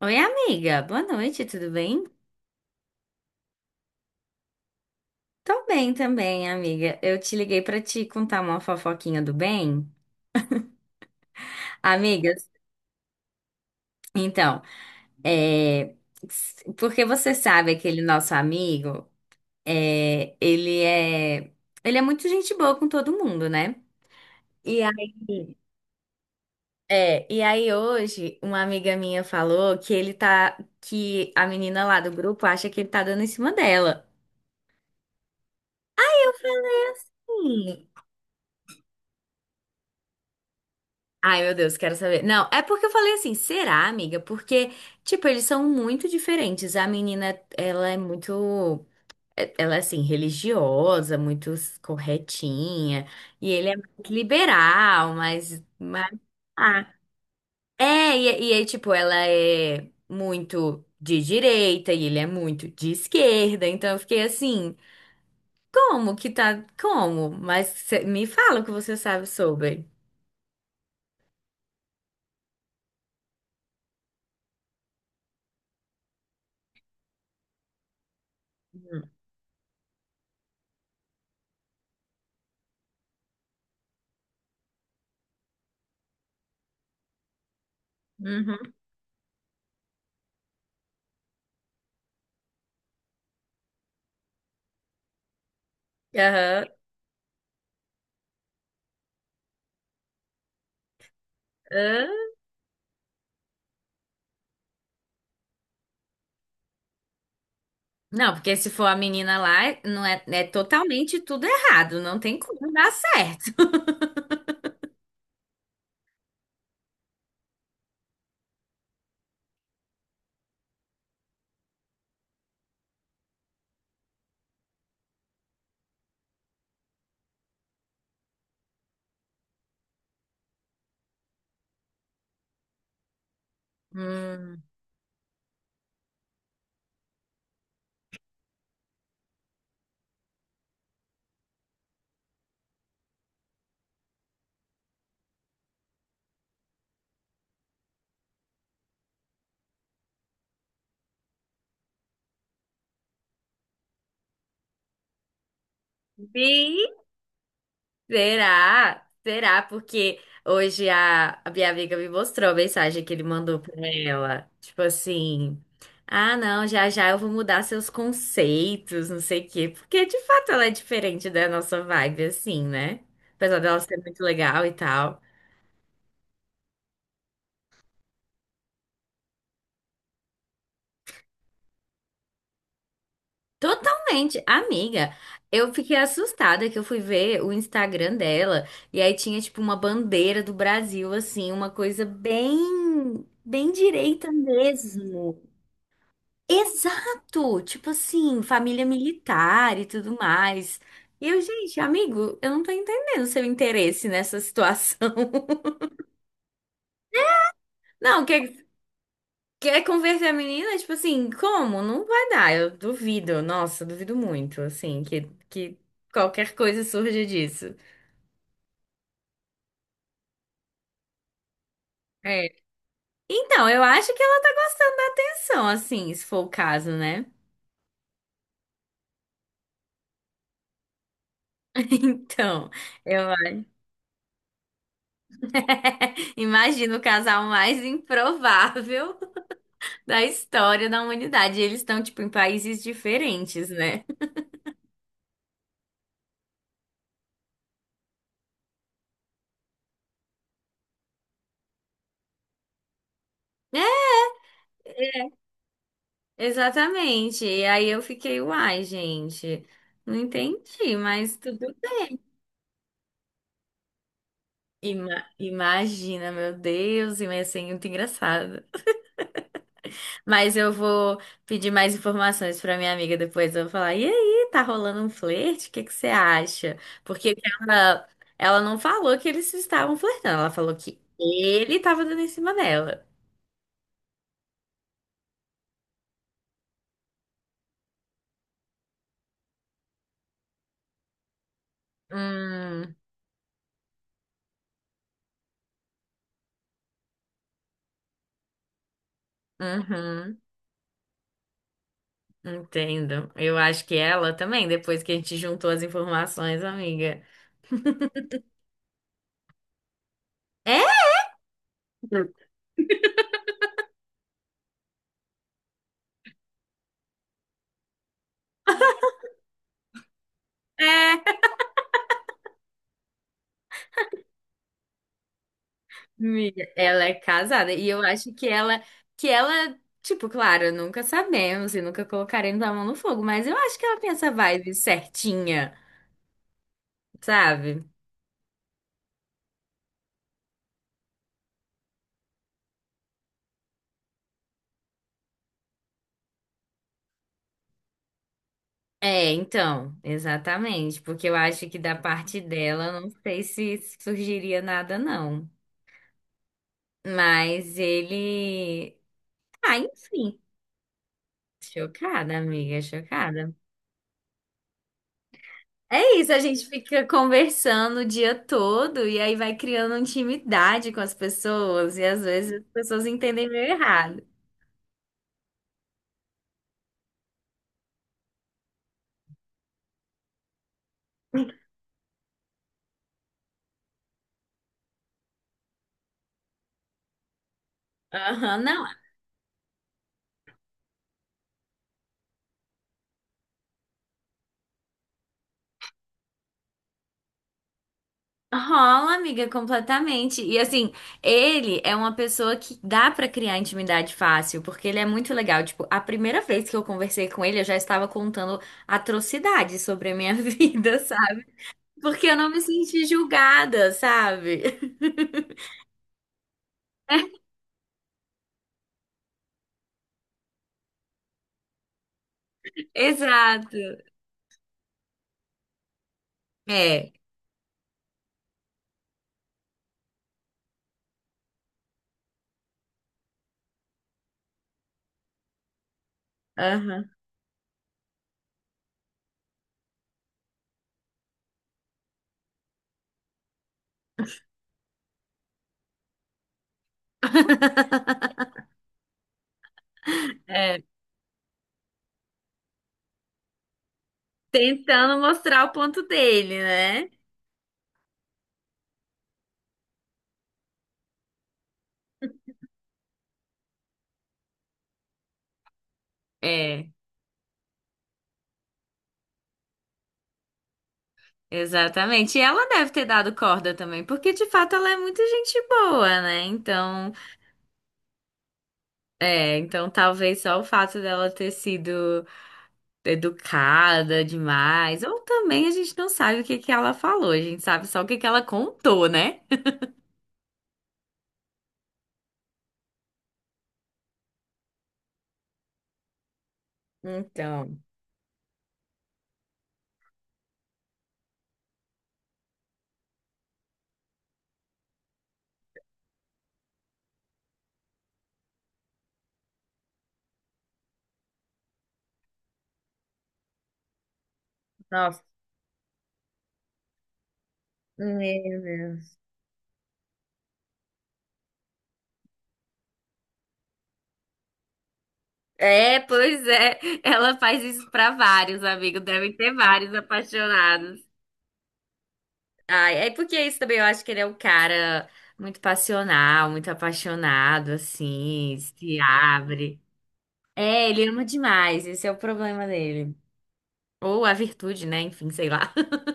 Oi, amiga. Boa noite, tudo bem? Tô bem também, amiga. Eu te liguei pra te contar uma fofoquinha do bem. Amigas, então, é... porque você sabe aquele nosso amigo, é... ele é... ele é muito gente boa com todo mundo, né? E aí, hoje uma amiga minha falou que que a menina lá do grupo acha que ele tá dando em cima dela. Ai, meu Deus, quero saber. Não, é porque eu falei assim, será, amiga? Porque, tipo, eles são muito diferentes. A menina, ela é muito. Ela é assim, religiosa, muito corretinha. E ele é muito liberal, mas ah. É, e aí, tipo, ela é muito de direita e ele é muito de esquerda. Então eu fiquei assim, como que tá. Como? Me fala o que você sabe sobre. Uhum. Aham. Não, porque se for a menina lá, não é, é totalmente tudo errado, não tem como dar certo. Hum. Sim, será? Será? Porque hoje a minha amiga me mostrou a mensagem que ele mandou pra ela. Tipo assim, ah, não, já já eu vou mudar seus conceitos, não sei o quê. Porque de fato ela é diferente da nossa vibe, assim, né? Apesar dela ser muito legal e tal. Totalmente, amiga. Eu fiquei assustada que eu fui ver o Instagram dela e aí tinha tipo uma bandeira do Brasil assim, uma coisa bem bem direita mesmo. Exato, tipo assim, família militar e tudo mais. E eu, gente, amigo, eu não tô entendendo seu interesse nessa situação. Não, quer converter a menina, tipo assim, como? Não vai dar, eu duvido. Nossa, duvido muito, assim, que que qualquer coisa surja disso. É. Então, eu acho que ela tá gostando da atenção, assim, se for o caso, né? Então, eu imagino o casal mais improvável da história da humanidade. Eles estão, tipo, em países diferentes, né? É, exatamente. E aí eu fiquei, uai, gente, não entendi, mas tudo bem. Imagina, meu Deus, ia ser muito engraçado. Mas eu vou pedir mais informações pra minha amiga depois. Eu vou falar: e aí, tá rolando um flerte? O que que você acha? Porque ela, ela não falou que eles estavam flertando, ela falou que ele tava dando em cima dela. Hum, uhum, entendo. Eu acho que ela também, depois que a gente juntou as informações, amiga. É? É, amiga, ela é casada e eu acho que ela, tipo, claro, nunca sabemos e nunca colocaremos a mão no fogo, mas eu acho que ela tem essa vibe certinha, sabe? É, então, exatamente, porque eu acho que da parte dela, não sei se surgiria nada, não. Mas ele. Ah, enfim, chocada, amiga, chocada. É isso, a gente fica conversando o dia todo e aí vai criando intimidade com as pessoas e às vezes as pessoas entendem meio errado. Aham, não, rola, amiga, completamente. E assim, ele é uma pessoa que dá pra criar intimidade fácil, porque ele é muito legal. Tipo, a primeira vez que eu conversei com ele, eu já estava contando atrocidades sobre a minha vida, sabe? Porque eu não me senti julgada, sabe? Exato. É. Aham. É, tentando mostrar o ponto dele, né? É, exatamente. E ela deve ter dado corda também, porque de fato ela é muito gente boa, né? Então, então talvez só o fato dela ter sido educada demais, ou também a gente não sabe o que que ela falou, a gente sabe só o que que ela contou, né? Então, nossa, meu Deus. É, pois é, ela faz isso pra vários amigos, devem ter vários apaixonados. Ai, é porque isso também eu acho que ele é um cara muito passional, muito apaixonado, assim, se abre. É, ele ama demais, esse é o problema dele. Ou a virtude, né? Enfim, sei lá.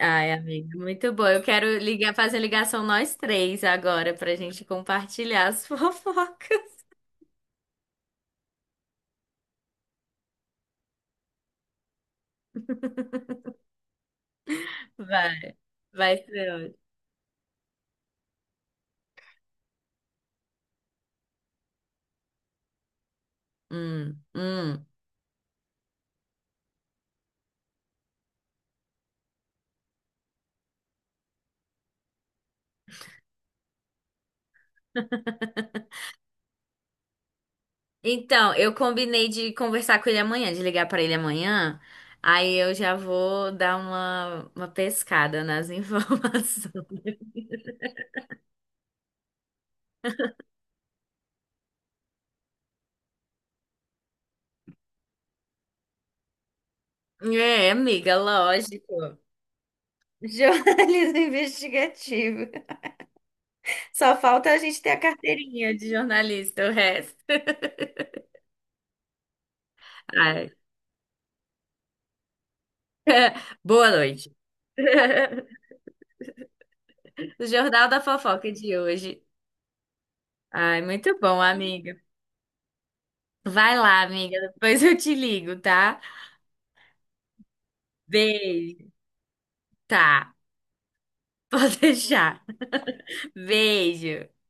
Ai, amiga, muito bom. Eu quero ligar, fazer ligação nós três agora pra gente compartilhar as fofocas. Vai, vai ser ótimo. Hum, hum. Então, eu combinei de conversar com ele amanhã, de ligar pra ele amanhã. Aí eu já vou dar uma pescada nas informações. É, amiga, lógico. Jornalismo investigativo. Só falta a gente ter a carteirinha de jornalista, o resto. Ai. Boa noite. O Jornal da Fofoca de hoje. Ai, muito bom, amiga. Vai lá, amiga. Depois eu te ligo, tá? Beijo. Tá, pode deixar. Beijo.